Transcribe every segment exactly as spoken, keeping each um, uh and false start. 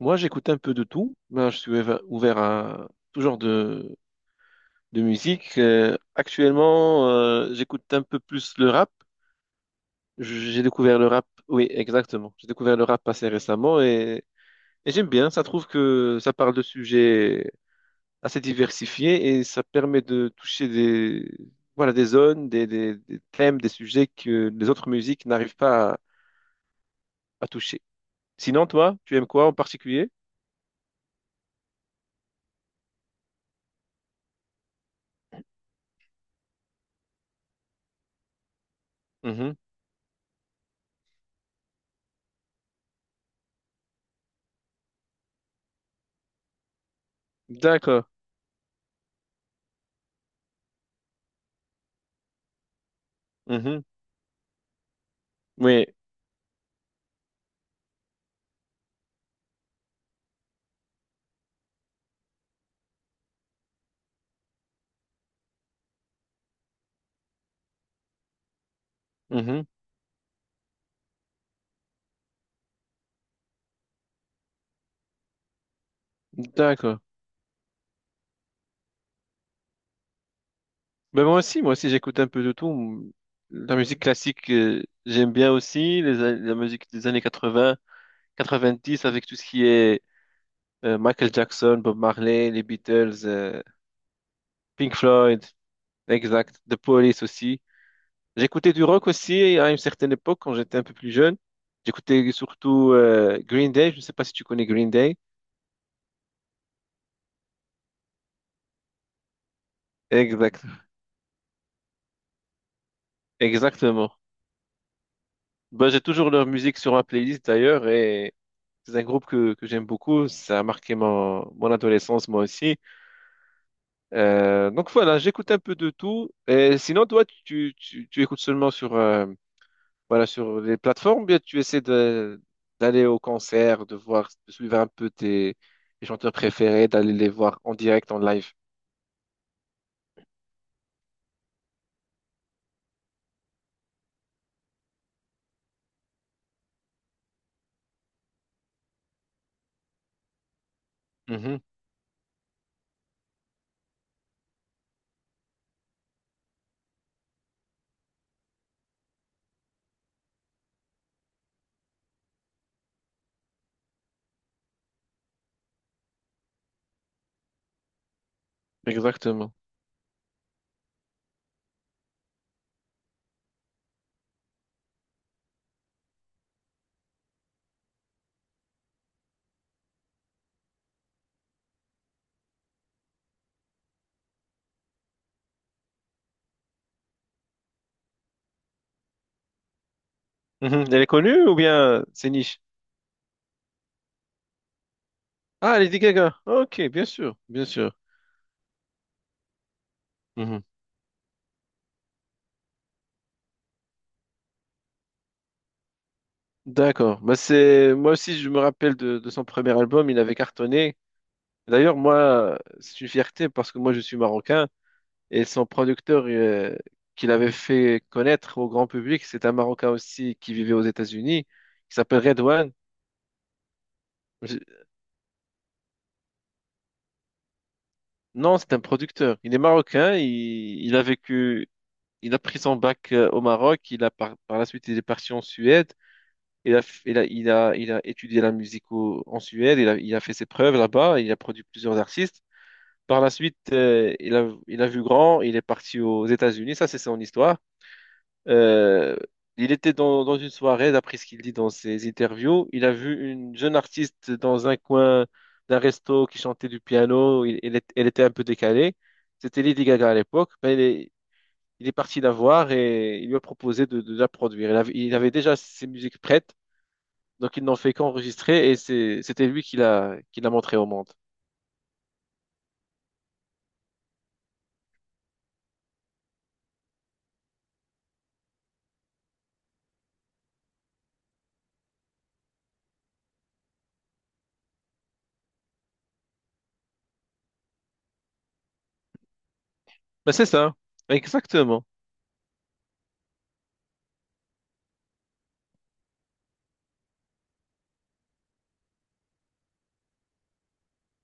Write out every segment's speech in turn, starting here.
Moi, j'écoute un peu de tout. Moi, je suis ouver- ouvert à tout genre de, de musique. Euh, actuellement, euh, j'écoute un peu plus le rap. J- J'ai découvert le rap, oui, exactement. J'ai découvert le rap assez récemment et, et j'aime bien. Ça trouve que ça parle de sujets assez diversifiés et ça permet de toucher des, voilà, des zones, des, des- des thèmes, des sujets que les autres musiques n'arrivent pas à, à toucher. Sinon, toi, tu aimes quoi en particulier? Mhm. D'accord. Mhm. Oui. Mhm. D'accord. Ben moi aussi, moi aussi, j'écoute un peu de tout. La musique classique, euh, j'aime bien aussi. Les a- la musique des années quatre-vingts, quatre-vingt-dix, avec tout ce qui est euh, Michael Jackson, Bob Marley, les Beatles, euh, Pink Floyd, exact, The Police aussi. J'écoutais du rock aussi à une certaine époque, quand j'étais un peu plus jeune. J'écoutais surtout euh, Green Day. Je ne sais pas si tu connais Green Day. Exact, exactement. Bah, j'ai toujours leur musique sur ma playlist d'ailleurs et c'est un groupe que, que j'aime beaucoup. Ça a marqué mon, mon adolescence moi aussi. Euh, donc voilà, j'écoute un peu de tout. Et sinon, toi, tu, tu, tu écoutes seulement sur, euh, voilà, sur les plateformes, ou bien tu essaies de- d'aller au concert, de voir, de suivre un peu tes, tes chanteurs préférés, d'aller les voir en direct, en live. Mhm, exactement. Mhm. Elle est connue ou bien c'est niche? Ah, Lady Gaga. Ok, bien sûr, bien sûr. D'accord. Bah c'est moi aussi je me rappelle de, de son premier album, il avait cartonné. D'ailleurs moi c'est une fierté parce que moi je suis marocain et son producteur euh, qu'il avait fait connaître au grand public, c'est un Marocain aussi qui vivait aux États-Unis, qui s'appelle Redouane. Je- Non, c'est un producteur. Il est marocain, il, il a vécu, il a pris son bac euh, au Maroc, il a par, par la suite il est parti en Suède. Il a, f- il a, il a, il a étudié la musique au- en Suède, il a, il a fait ses preuves là-bas, il a produit plusieurs artistes. Par la suite, euh, il a, il a vu grand, il est parti aux États-Unis, ça c'est son histoire. Euh, il était dans, dans une soirée, d'après ce qu'il dit dans ses interviews, il a vu une jeune artiste dans un coin d'un resto qui chantait du piano, il, elle est- elle était un peu décalée, c'était Lady Gaga à l'époque. Ben, il est, il est parti la voir et il lui a proposé de, de la produire. Il avait, il avait déjà ses musiques prêtes, donc ils n'ont fait qu'enregistrer et c'est- c'était lui qui l'a qui l'a montré au monde. Ben, c'est ça, exactement,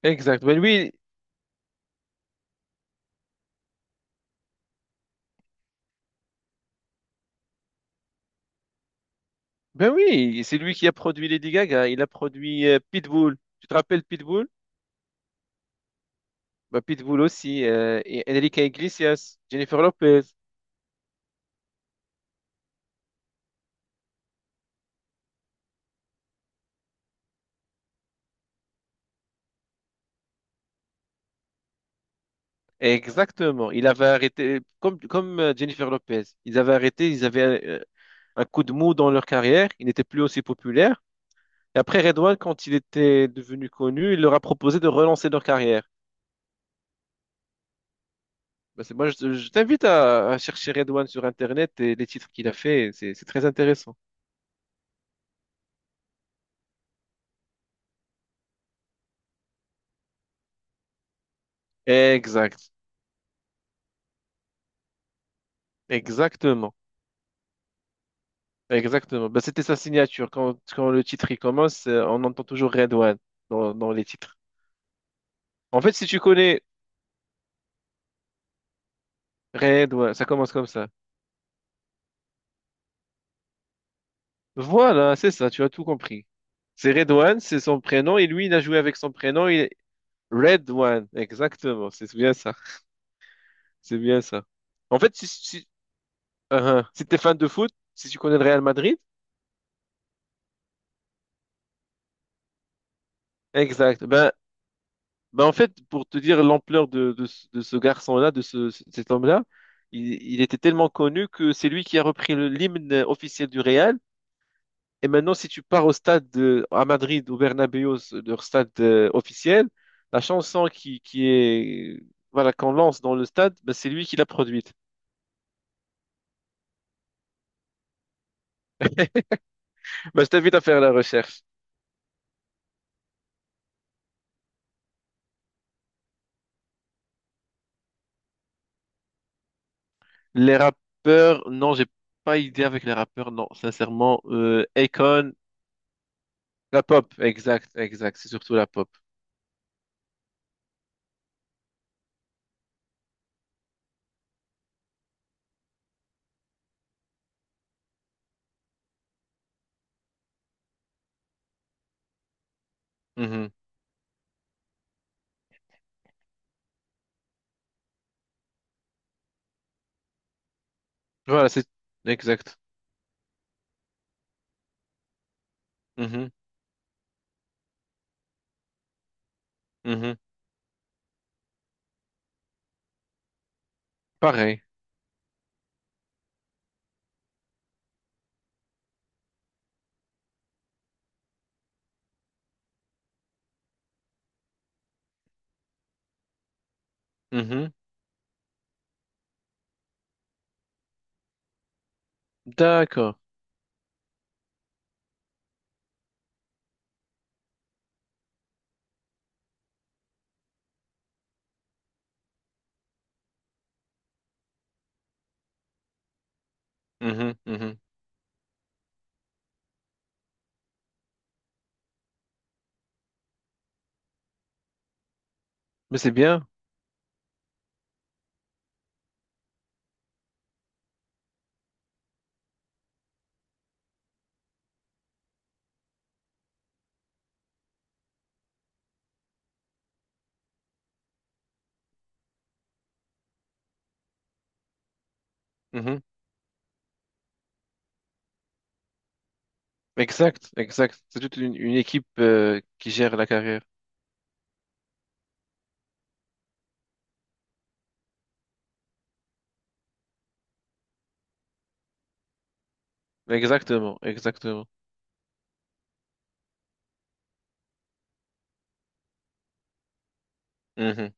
exact. Ben lui, ben oui, c'est lui qui a produit Lady Gaga. Il a produit euh, Pitbull. Tu te rappelles Pitbull? Ben, Pitbull aussi euh, et Enrique Iglesias, Jennifer Lopez. Exactement. Il avait arrêté, comme, comme euh, Jennifer Lopez, ils avaient arrêté, ils avaient euh, un coup de mou dans leur carrière, ils n'étaient plus aussi populaires. Et après, Redouane, quand il était devenu connu, il leur a proposé de relancer leur carrière. Bah, c'est, moi, je, je t'invite à, à chercher Redouane sur Internet et les titres qu'il a fait, c'est, c'est très intéressant. Exact. Exactement. Exactement. Bah, c'était sa signature. Quand, quand le titre il commence, euh, on entend toujours Redouane dans, dans les titres. En fait, si tu connais Redouane, ça commence comme ça. Voilà, c'est ça, tu as tout compris. C'est Redouane, c'est son prénom, et lui, il a joué avec son prénom, il est Redouane, exactement, c'est bien ça, c'est bien ça. En fait, si, si, euh, si t'es fan de foot, si tu connais le Real Madrid, exact, ben, ben en fait, pour te dire l'ampleur de, de, ce de ce garçon-là, de ce, cet homme-là, il, il était tellement connu que c'est lui qui a repris le- l'hymne officiel du Real. Et maintenant, si tu pars au stade de, à Madrid, au Bernabéu, leur stade euh, officiel, la chanson qui, qui est, voilà, qu'on lance dans le stade, ben, c'est lui qui l'a produite. Ben, je t'invite à faire la recherche. Les rappeurs, non, j'ai pas idée avec les rappeurs, non, sincèrement. Euh, Akon, la pop, exact, exact, c'est surtout la pop. Mhm. Voilà, c'est exact. Mhm, mhm. Pareil. Mhm. D'accord. Mhm, mhm. Mais c'est bien. Mhm. Exact, exact. C'est toute une, une équipe euh, qui gère la carrière. Exactement, exactement. Mhm.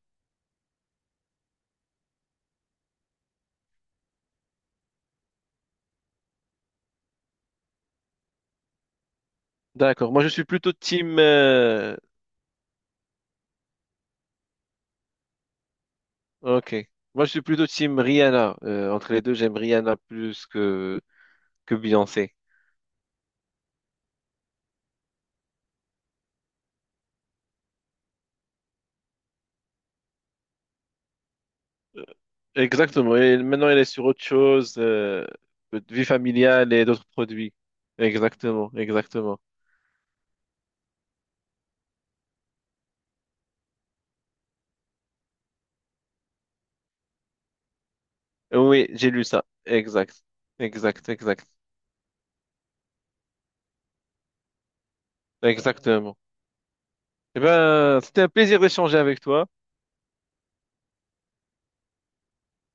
D'accord. Moi, je suis plutôt team. euh, Ok. Moi, je suis plutôt team Rihanna. Euh, entre les deux, j'aime Rihanna plus que que Beyoncé. Exactement. Et maintenant, elle est sur autre chose, euh, vie familiale et d'autres produits. Exactement, exactement. Oui, j'ai lu ça. Exact, exact, exact, exactement. Eh ben, c'était un plaisir d'échanger avec toi.